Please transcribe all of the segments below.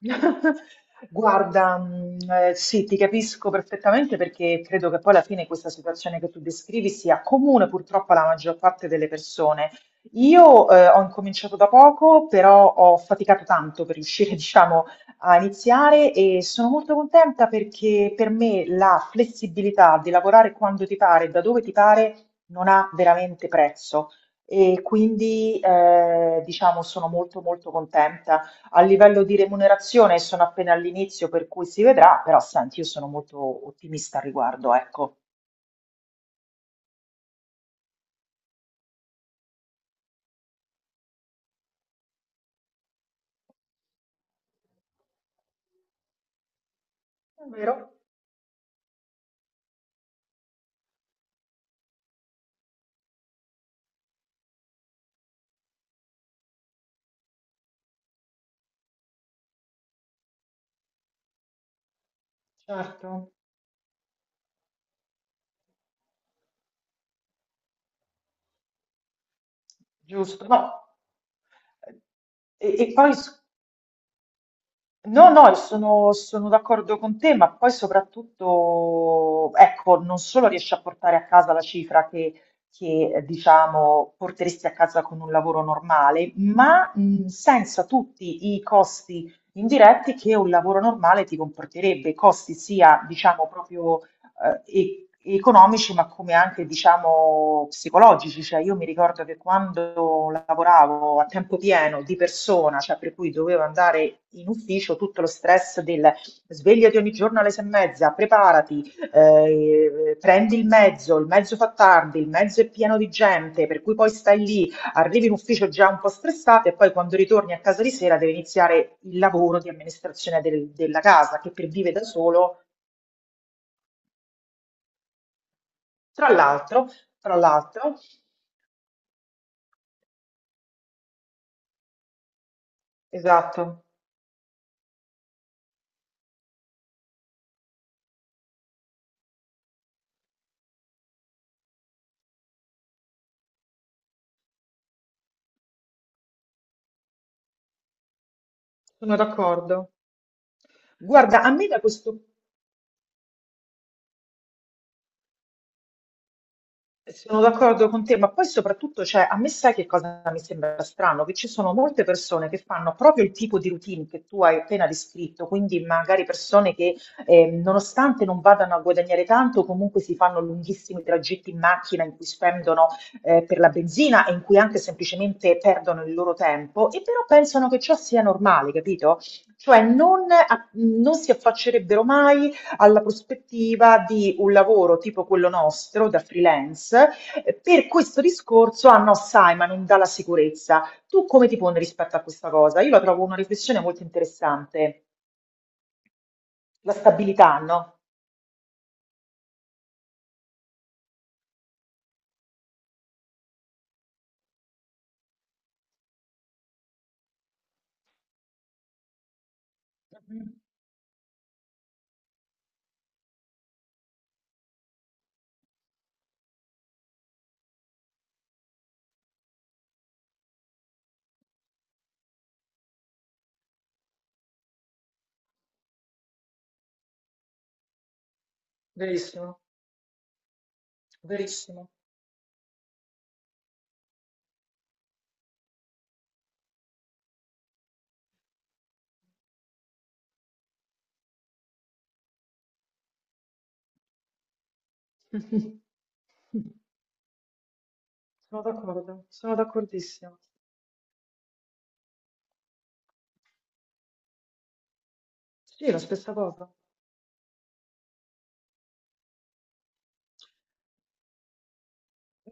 Guarda, sì, ti capisco perfettamente perché credo che poi alla fine questa situazione che tu descrivi sia comune purtroppo alla maggior parte delle persone. Io ho incominciato da poco, però ho faticato tanto per riuscire, diciamo, a iniziare e sono molto contenta perché per me la flessibilità di lavorare quando ti pare, da dove ti pare, non ha veramente prezzo. E quindi, diciamo, sono molto molto contenta. A livello di remunerazione sono appena all'inizio, per cui si vedrà, però senti, io sono molto ottimista al riguardo, ecco. È vero? Certo, giusto. No, e, e poi s- no, no, sono d'accordo con te, ma poi soprattutto, ecco, non solo riesci a portare a casa la cifra che, diciamo, porteresti a casa con un lavoro normale, ma senza tutti i costi indiretti che un lavoro normale ti comporterebbe, costi sia, diciamo, proprio economici, ma come anche, diciamo, psicologici. Cioè, io mi ricordo che quando lavoravo a tempo pieno di persona, cioè per cui dovevo andare in ufficio, tutto lo stress del svegliati ogni giorno alle 6:30, preparati, prendi il mezzo fa tardi, il mezzo è pieno di gente, per cui poi stai lì, arrivi in ufficio già un po' stressato e poi quando ritorni a casa di sera deve iniziare il lavoro di amministrazione della casa, che per vive da solo. Tra l'altro, tra l'altro, esatto, sono d'accordo. Guarda, a me da questo. Sono d'accordo con te, ma poi soprattutto, cioè, a me sai che cosa mi sembra strano? Che ci sono molte persone che fanno proprio il tipo di routine che tu hai appena descritto, quindi magari persone che nonostante non vadano a guadagnare tanto, comunque si fanno lunghissimi tragitti in macchina in cui spendono per la benzina e in cui anche semplicemente perdono il loro tempo e però pensano che ciò sia normale, capito? Cioè non, non si affaccerebbero mai alla prospettiva di un lavoro tipo quello nostro da freelance. Per questo discorso, ah no, sai, ma non dà la sicurezza. Tu come ti poni rispetto a questa cosa? Io la trovo una riflessione molto interessante. La stabilità, no? Mhm. Verissimo, verissimo. Sono d'accordo, sono d'accordissimo. Sì, la stessa cosa.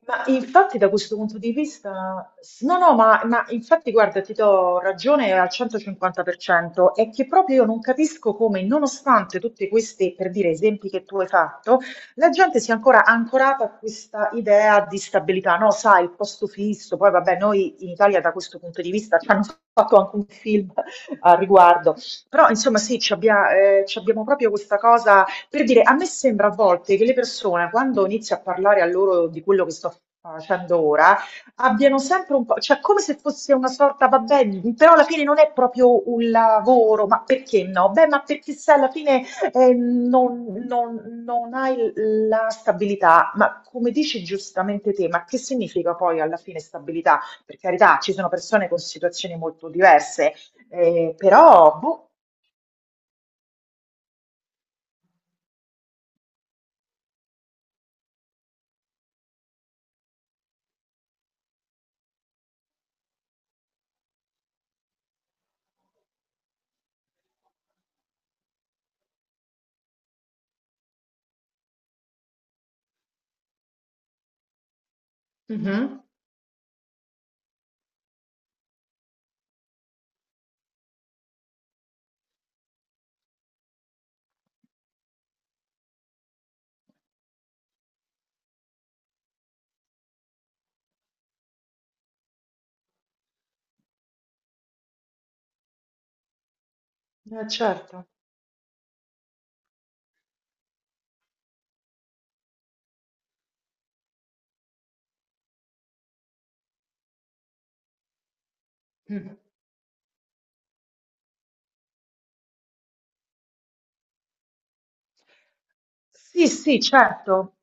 Ma infatti da questo punto di vista, no, no, ma infatti guarda, ti do ragione al 150%, è che proprio io non capisco come, nonostante tutti questi, per dire, esempi che tu hai fatto, la gente sia ancora ancorata a questa idea di stabilità, no? Sai, il posto fisso, poi vabbè, noi in Italia da questo punto di vista ci hanno fatto anche un film a riguardo, però insomma sì, ci abbiamo proprio questa cosa. Per dire, a me sembra a volte che le persone, quando inizio a parlare a loro di quello che sto facendo ora, abbiano sempre un po', cioè come se fosse una sorta, vabbè, però alla fine non è proprio un lavoro, ma perché no? Beh, ma perché se alla fine non hai la stabilità, ma come dici giustamente te, ma che significa poi alla fine stabilità? Per carità, ci sono persone con situazioni molto diverse, però, boh. Mhm. Eh, certo. Sì, sì, certo,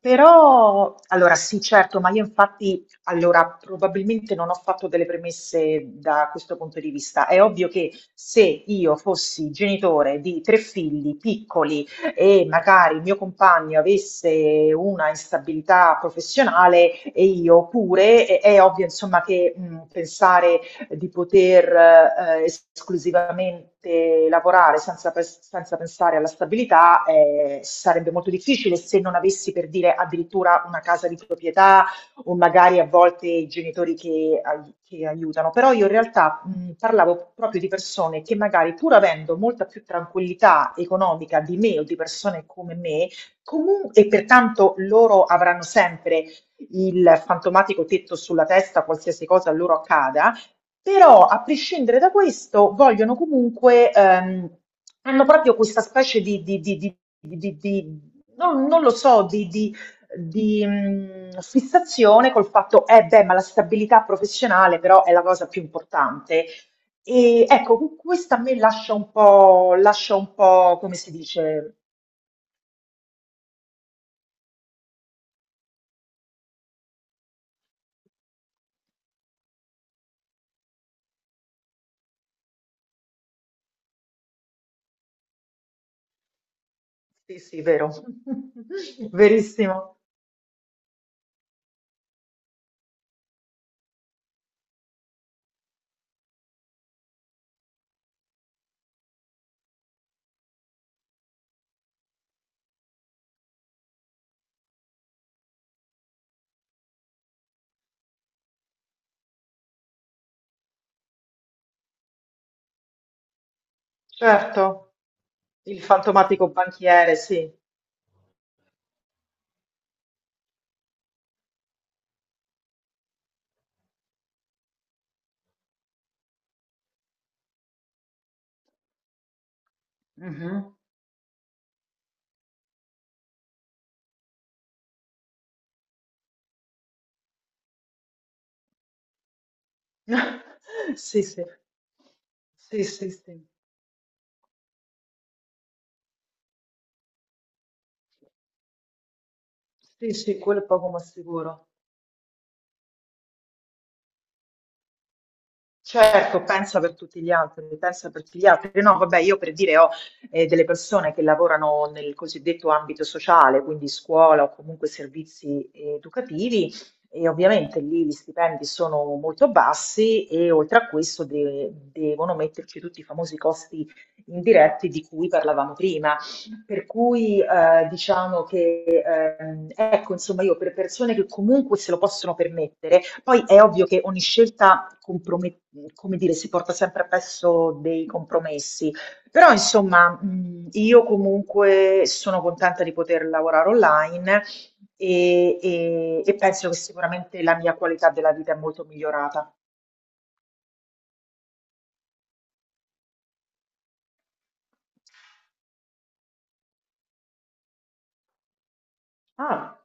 però allora sì, certo, ma io infatti allora probabilmente non ho fatto delle premesse da questo punto di vista. È ovvio che se io fossi genitore di tre figli piccoli e magari il mio compagno avesse una instabilità professionale e io pure, è ovvio insomma che pensare di poter esclusivamente lavorare senza, senza pensare alla stabilità sarebbe molto difficile se non avessi per dire addirittura una casa di proprietà o magari a volte i genitori che, che aiutano. Però io in realtà parlavo proprio di persone che magari pur avendo molta più tranquillità economica di me o di persone come me, comunque e pertanto loro avranno sempre il fantomatico tetto sulla testa, qualsiasi cosa loro accada, però, a prescindere da questo, vogliono comunque, hanno proprio questa specie di, non lo so, di fissazione col fatto, eh beh, ma la stabilità professionale però è la cosa più importante. E ecco, questa a me lascia un po', come si dice? Sì, sì, vero. Verissimo, certo. Il fantomatico banchiere, sì. Mhm. Sì, sì. Sì, sì, sì. Sì, sì, quello è poco ma sicuro. Certo, pensa per tutti gli altri, pensa per tutti gli altri. No, vabbè, io per dire ho delle persone che lavorano nel cosiddetto ambito sociale, quindi scuola o comunque servizi educativi, e ovviamente lì gli stipendi sono molto bassi e oltre a questo devono metterci tutti i famosi costi indiretti di cui parlavamo prima. Per cui diciamo che ecco, insomma, io per persone che comunque se lo possono permettere. Poi è ovvio che ogni scelta come dire, si porta sempre appresso dei compromessi, però insomma, io comunque sono contenta di poter lavorare online e, e penso che sicuramente la mia qualità della vita è molto migliorata. Ah,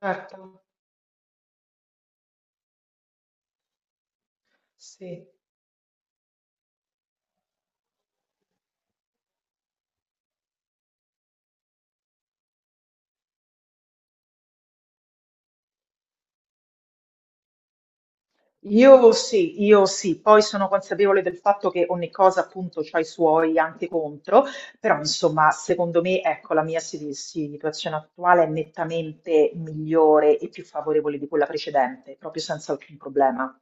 certo, sì. Io sì, io sì, poi sono consapevole del fatto che ogni cosa appunto ha i suoi anche contro, però insomma secondo me ecco la mia situazione attuale è nettamente migliore e più favorevole di quella precedente, proprio senza alcun problema.